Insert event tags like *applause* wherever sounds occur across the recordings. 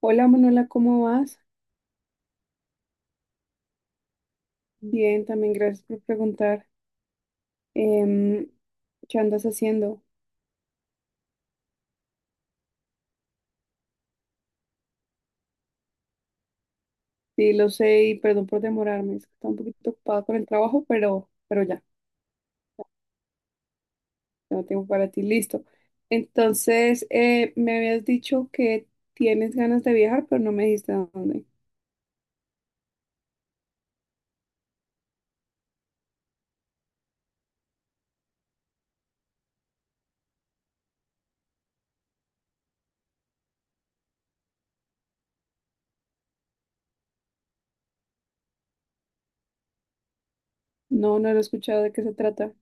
Hola Manuela, ¿cómo vas? Bien, también gracias por preguntar. Em, ¿Qué andas haciendo? Sí, lo sé y perdón por demorarme, es que estaba un poquito ocupada con el trabajo, pero ya. Ya no tengo para ti, listo. Entonces, me habías dicho que tienes ganas de viajar, pero no me dijiste a dónde. No, no lo he escuchado de qué se trata.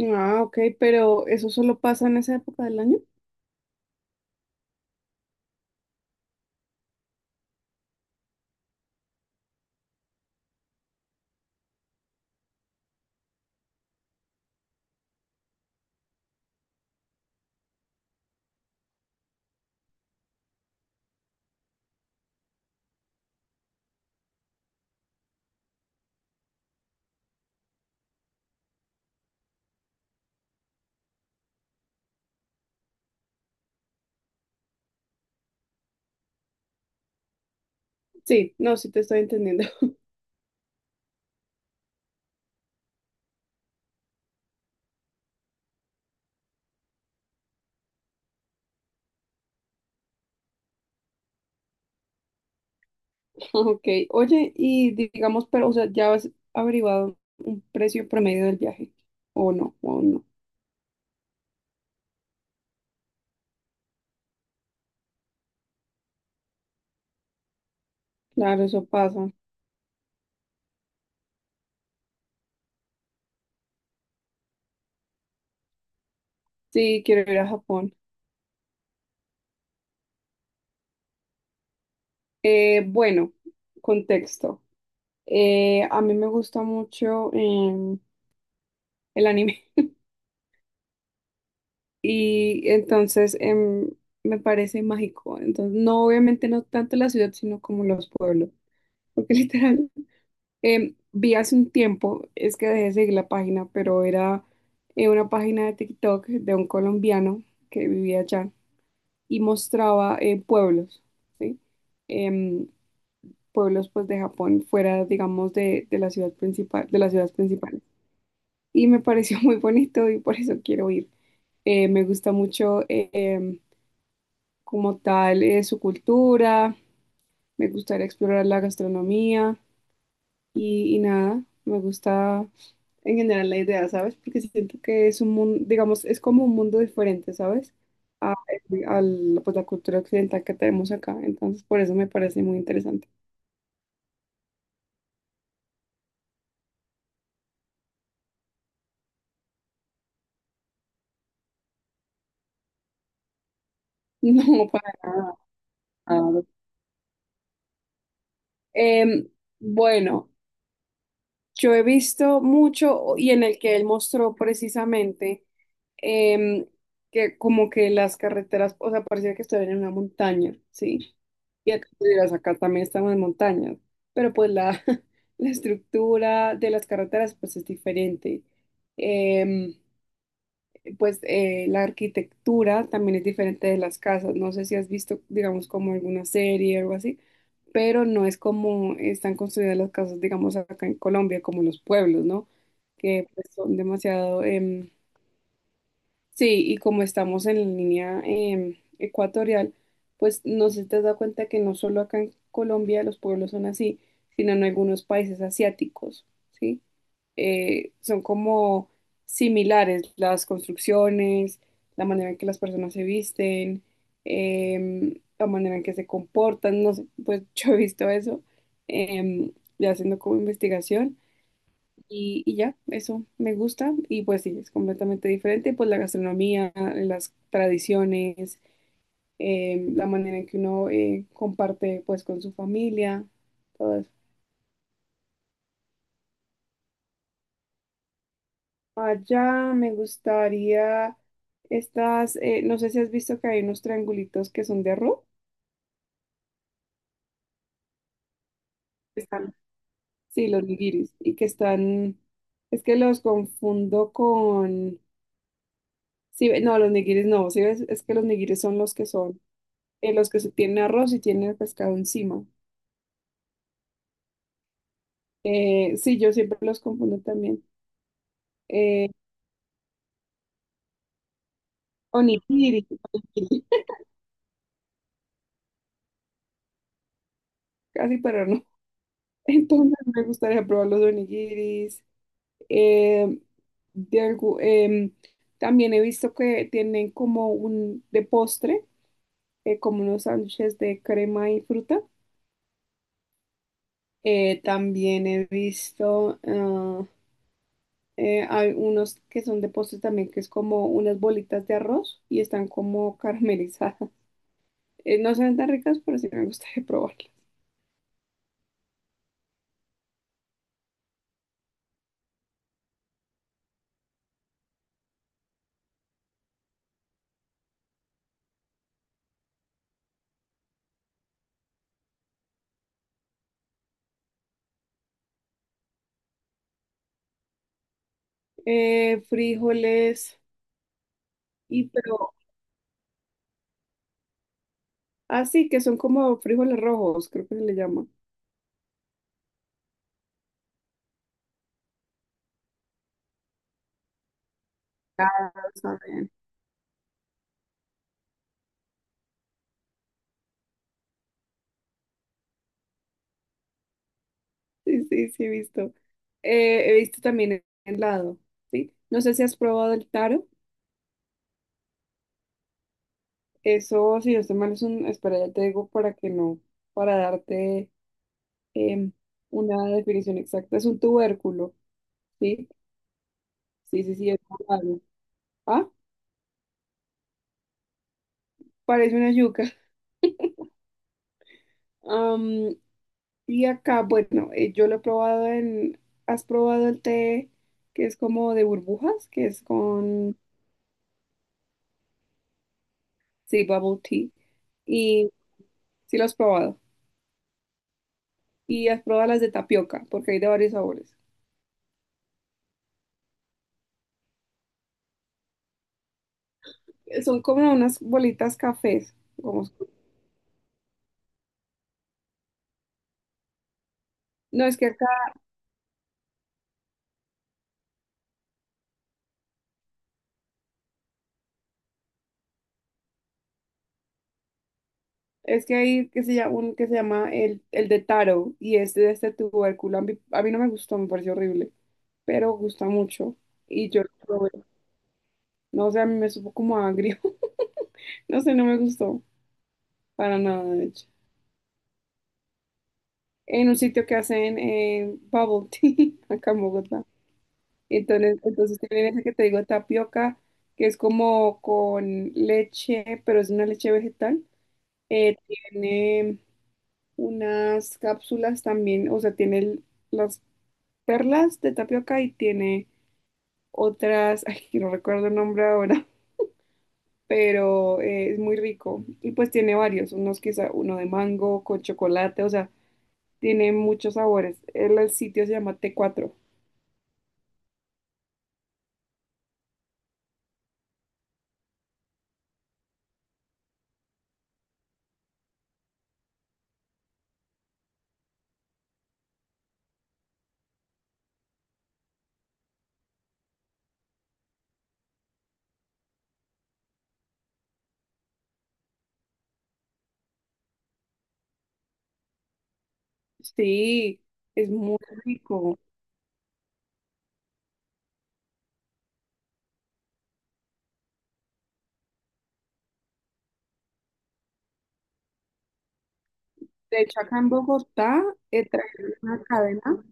Ah, ok, pero ¿eso solo pasa en esa época del año? Sí, no, sí te estoy entendiendo. Ok, oye, y digamos, pero, o sea, ¿ya has averiguado un precio promedio del viaje? ¿O no? ¿O no? Claro, eso pasa. Sí, quiero ir a Japón. Bueno, contexto. A mí me gusta mucho el anime *laughs* y entonces me parece mágico. Entonces, no, obviamente no tanto la ciudad, sino como los pueblos. Porque *laughs* literal, vi hace un tiempo, es que dejé de seguir la página, pero era una página de TikTok de un colombiano que vivía allá y mostraba pueblos, ¿sí? Em, pueblos pues de Japón, fuera, digamos, de la ciudad principal, de las ciudades principales. Y me pareció *laughs* muy bonito y por eso quiero ir. Me gusta mucho como tal su cultura, me gustaría explorar la gastronomía y nada, me gusta en general la idea, ¿sabes? Porque siento que es un mundo, digamos, es como un mundo diferente, ¿sabes? La cultura occidental que tenemos acá. Entonces, por eso me parece muy interesante. *laughs* No, para nada. Ah, ok. Em, bueno, yo he visto mucho y en el que él mostró precisamente em, que como que las carreteras, o sea, parecía que estaban en una montaña, ¿sí? Y acá, tú dirás, acá también estamos en montañas, pero pues la, *laughs* la estructura de las carreteras pues es diferente. Em, pues la arquitectura también es diferente de las casas. No sé si has visto, digamos, como alguna serie o algo así, pero no es como están construidas las casas, digamos, acá en Colombia, como los pueblos, ¿no? Que pues, son demasiado, sí, y como estamos en la línea ecuatorial, pues no sé si te has dado cuenta que no solo acá en Colombia los pueblos son así, sino en algunos países asiáticos, ¿sí? Son como similares las construcciones, la manera en que las personas se visten, la manera en que se comportan, no sé, pues *laughs* yo he visto eso, em, ya haciendo como investigación, y ya, eso me gusta y pues sí, es completamente diferente, pues la gastronomía, las tradiciones, la manera en que uno comparte pues con su familia, todo eso. Allá me gustaría no sé si has visto que hay unos triangulitos que son de arroz. Están, sí, los nigiris. Y que están, es que los confundo con, sí, no, los nigiris no, sí, ves, es que los nigiris son, los que se tienen arroz y tienen el pescado encima. Sí, yo siempre los confundo también. Eh, onigiri, *laughs* onigiri, casi, pero no. Entonces me gustaría probar los onigiris. Eh, de algu- em, también he visto que tienen como un de postre, como unos sándwiches de crema y fruta. También he visto, hay unos que son de postre también, que es como unas bolitas de arroz y están como *laughs* caramelizadas. No se ven tan ricas, pero sí me gustaría *laughs* probarlas. Frijoles, pero, así que son como frijoles rojos, creo que se le llama. Ah, saben. Sí, sí, sí, he visto. He visto también el lado, ¿sí? No sé si has probado el taro. Eso, si no estoy mal, es un... Espera, ya te digo para que no, para darte em, una definición exacta. Es un tubérculo, ¿sí? Sí, sí, sí, es algo. Ah, parece una yuca. Am, y acá, bueno, yo lo he probado en... ¿Has probado el té que es como de burbujas? Que es con... Sí, bubble tea. Y sí lo has probado. Y has probado las de tapioca, porque hay de varios sabores. Son como unas bolitas cafés. Como- no, es que acá, es que hay que se llama, un que se llama el de taro y este de este tubérculo. A mí no me gustó, me pareció horrible, pero gusta mucho. Y yo lo probé. No sé, a mí me supo como agrio. *laughs* No sé, no me gustó para nada, de hecho. En un sitio que hacen bubble tea *laughs* acá en Bogotá. Entonces tienen esa que te digo, tapioca, que es como con leche, pero es una leche vegetal. Tiene unas cápsulas también, o sea, tiene las perlas de tapioca y tiene otras, *laughs* ay, que no recuerdo el nombre ahora, *laughs* pero es muy rico. Y pues tiene varios, unos quizá uno de mango con chocolate, o sea, tiene muchos sabores. El sitio se llama t cuatro. Sí, es muy rico. De hecho, acá en Bogotá trajeron una cadena.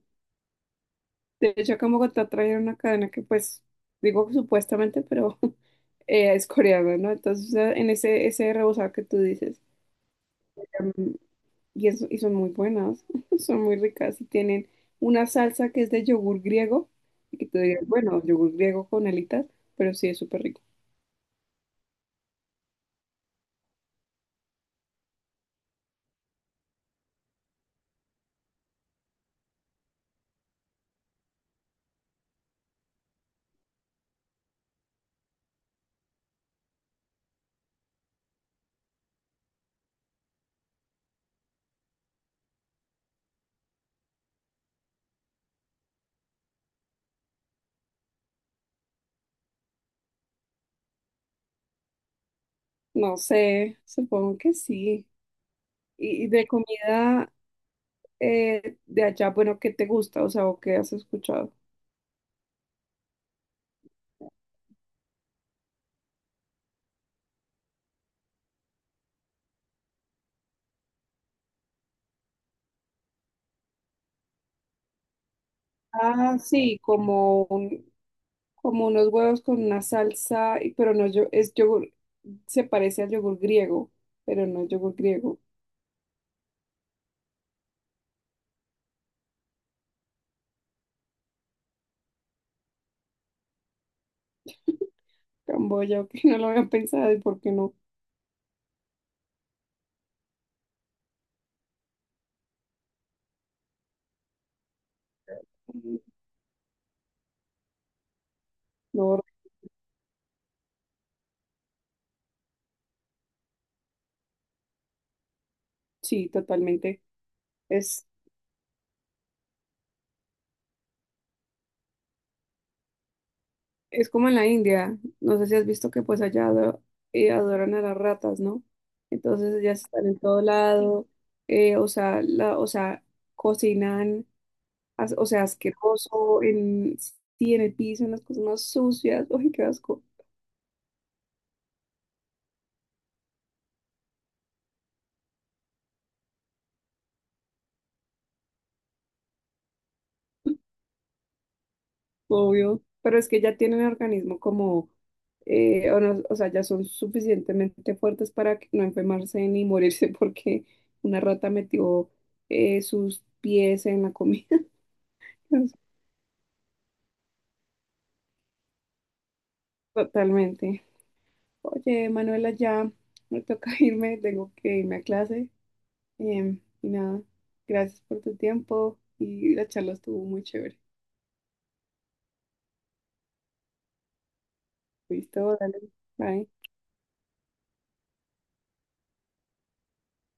De hecho, acá en Bogotá trajeron una cadena que, pues, digo que supuestamente, pero *laughs* es coreana, ¿no? Entonces, en ese rebozado que tú dices. em, y son muy buenas, *laughs* son muy ricas. Y tienen una salsa que es de yogur griego. Y que tú digas, bueno, yogur griego con alitas, pero sí es súper rico. No sé, supongo que sí. Y de comida de allá, bueno, ¿qué te gusta? O sea, ¿o qué has escuchado? Ah, sí, como como unos huevos con una salsa, pero no yo, es yogur, se parece al yogur griego, pero no es yogur griego. Camboya, que *laughs* no lo había pensado y por qué no. No, sí, totalmente. Es Es como en la India, no sé si has visto que pues allá adoran a las ratas, ¿no? Entonces ellas están en todo lado, o sea, o sea, cocinan, o sea, asqueroso, en, sí, en el piso, en las cosas más sucias, uy, qué asco, obvio, pero es que ya tienen el organismo como, o, no- o sea, ya son suficientemente fuertes para que no enfermarse ni morirse *laughs* porque una rata metió sus pies en la comida, *laughs* totalmente. Oye, Manuela, ya me toca *laughs* irme, tengo que irme a clase. Y nada, gracias por tu tiempo y la charla estuvo muy chévere. Listo, dale, bye.